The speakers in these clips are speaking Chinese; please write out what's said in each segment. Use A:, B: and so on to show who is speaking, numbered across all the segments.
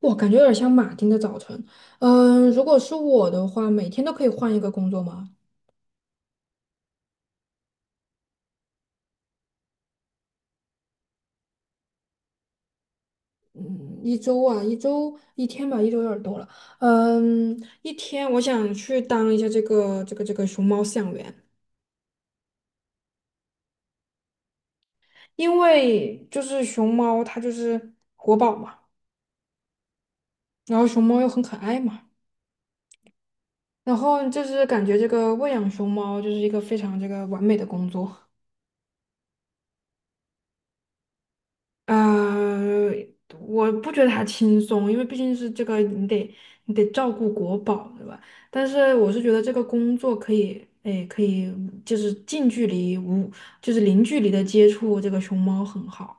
A: 我感觉有点像马丁的早晨。嗯，如果是我的话，每天都可以换一个工作吗？嗯，一周啊，一周一天吧，一周有点多了。嗯，一天我想去当一下这个熊猫饲养员。因为就是熊猫它就是活宝嘛，然后熊猫又很可爱嘛，然后就是感觉这个喂养熊猫就是一个非常这个完美的工作。呃，我不觉得它轻松，因为毕竟是这个，你得照顾国宝，对吧？但是我是觉得这个工作可以，哎，可以就是近距离无，就是零距离的接触这个熊猫很好。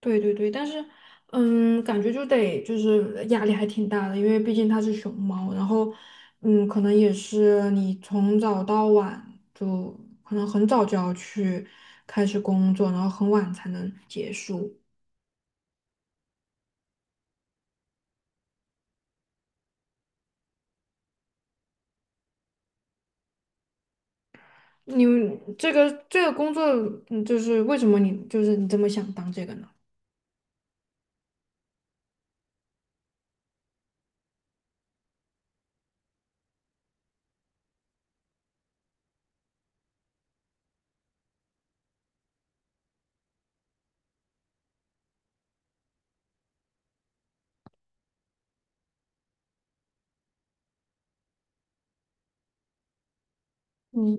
A: 对对对，但是嗯，感觉就得就是压力还挺大的，因为毕竟它是熊猫，然后嗯，可能也是你从早到晚就可能很早就要去开始工作，然后很晚才能结束。你这个工作，嗯就是为什么你就是你这么想当这个呢？嗯，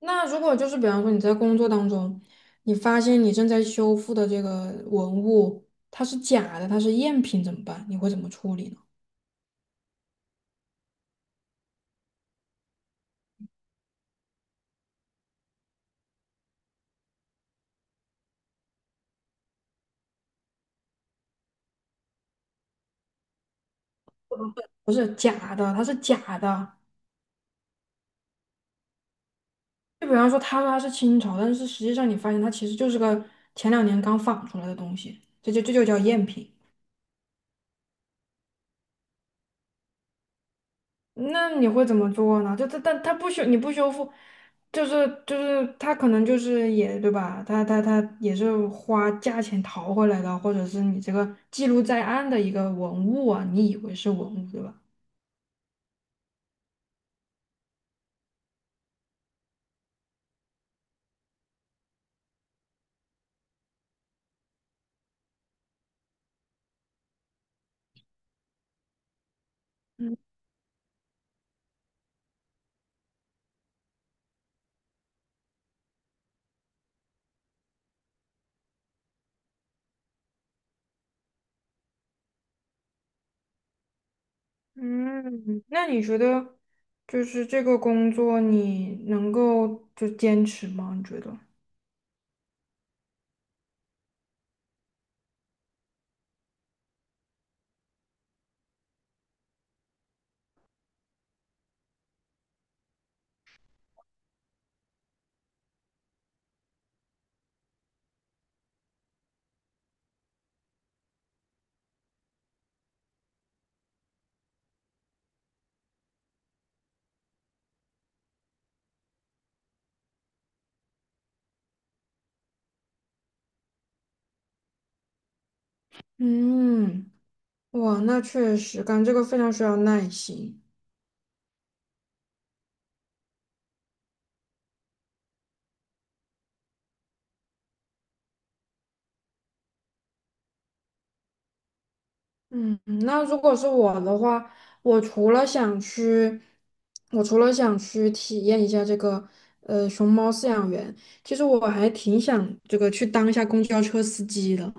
A: 那如果就是比方说你在工作当中，你发现你正在修复的这个文物它是假的，它是赝品怎么办？你会怎么处理呢？不是假的，它是假的。就比方说他说它是清朝，但是实际上你发现它其实就是个前两年刚仿出来的东西，这就叫赝品。那你会怎么做呢？就他，但他不修，你不修复，就是他可能就是也对吧？他也是花价钱淘回来的，或者是你这个记录在案的一个文物啊，你以为是文物对吧？嗯嗯。那你觉得就是这个工作你能够就坚持吗？你觉得？嗯，哇，那确实，干这个非常需要耐心。嗯，那如果是我的话，我除了想去，我除了想去体验一下这个熊猫饲养员，其实我还挺想这个去当一下公交车司机的。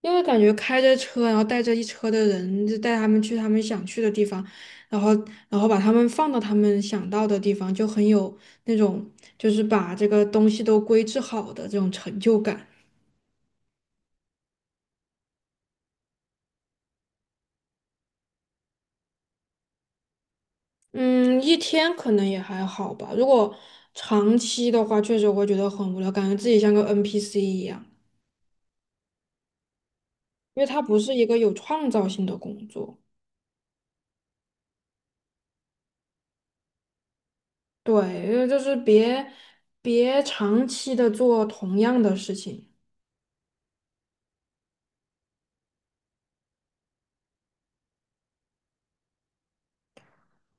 A: 因为感觉开着车，然后带着一车的人，就带他们去他们想去的地方，然后然后把他们放到他们想到的地方，就很有那种就是把这个东西都规制好的这种成就感。嗯，一天可能也还好吧。如果长期的话，确实会觉得很无聊，感觉自己像个 NPC 一样，因为它不是一个有创造性的工作。对，因为就是别长期的做同样的事情。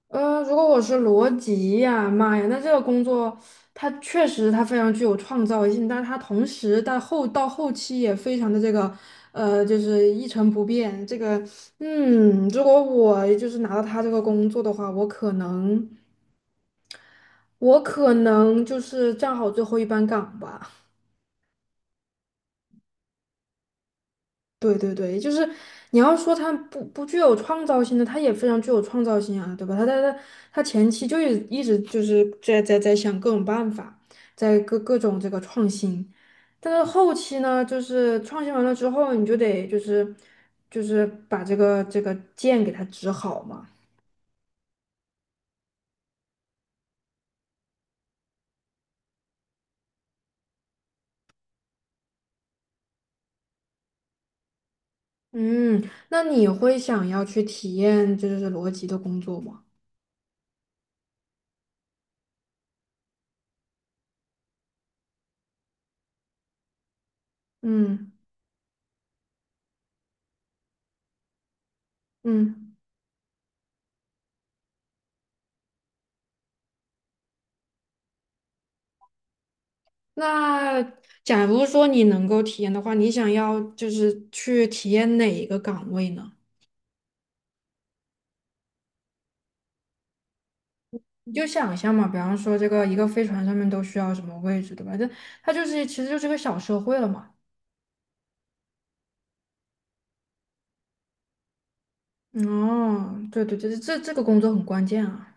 A: 如果我是罗辑呀，妈呀，那这个工作它确实它非常具有创造性，但是它同时但后到后期也非常的这个，就是一成不变。这个，嗯，如果我就是拿到他这个工作的话，我可能就是站好最后一班岗吧。对对对，就是你要说他不具有创造性的，他也非常具有创造性啊，对吧？他前期就一直就是在想各种办法，在各种这个创新，但是后期呢，就是创新完了之后，你就得把这个剑给它指好嘛。嗯，那你会想要去体验就是逻辑的工作吗？嗯嗯。那假如说你能够体验的话，你想要就是去体验哪一个岗位呢？你就想象嘛，比方说这个一个飞船上面都需要什么位置，对吧？这它就是其实就是个小社会了嘛。哦，对对对，这这个工作很关键啊。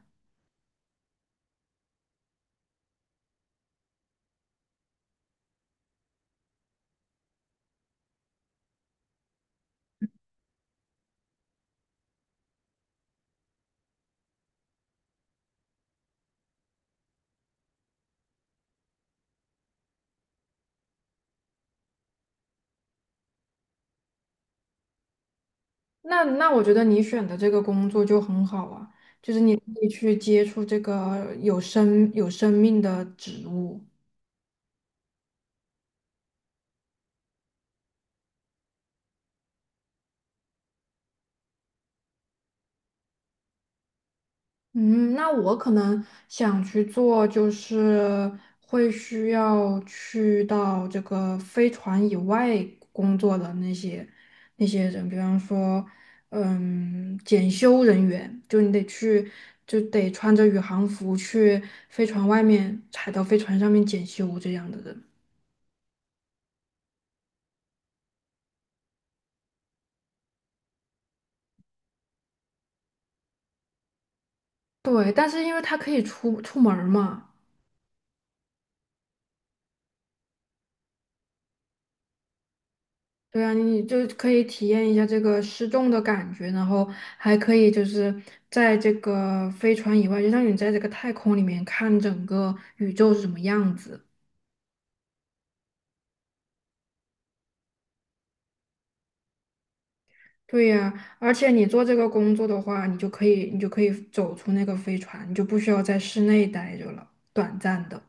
A: 那那我觉得你选的这个工作就很好啊，就是你可以去接触这个有生命的植物。嗯，那我可能想去做，就是会需要去到这个飞船以外工作的那些人，比方说，嗯，检修人员，就你得去，就得穿着宇航服去飞船外面，踩到飞船上面检修这样的人。对，但是因为他可以出门儿嘛。对啊，你就可以体验一下这个失重的感觉，然后还可以就是在这个飞船以外，就像你在这个太空里面看整个宇宙是什么样子。对呀，而且你做这个工作的话，你就可以走出那个飞船，你就不需要在室内待着了，短暂的。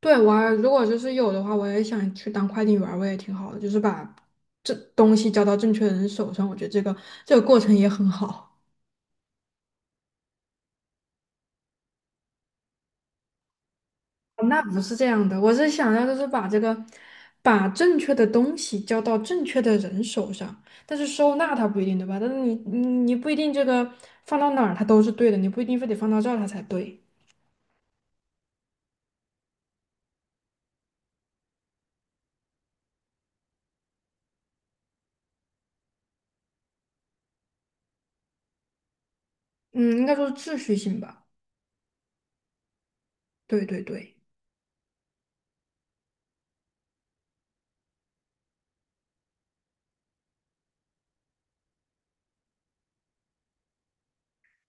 A: 对，我还如果就是有的话，我也想去当快递员儿我也挺好的，就是把这东西交到正确的人手上，我觉得这个过程也很好。哦那不是这样的，我是想要就是把这个，把正确的东西交到正确的人手上，但是收纳它不一定对吧？但是你不一定这个放到哪儿它都是对的，你不一定非得放到这儿它才对。嗯，应该说是秩序性吧。对对对，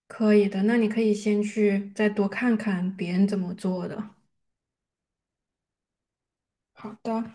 A: 可以的。那你可以先去再多看看别人怎么做的。好的。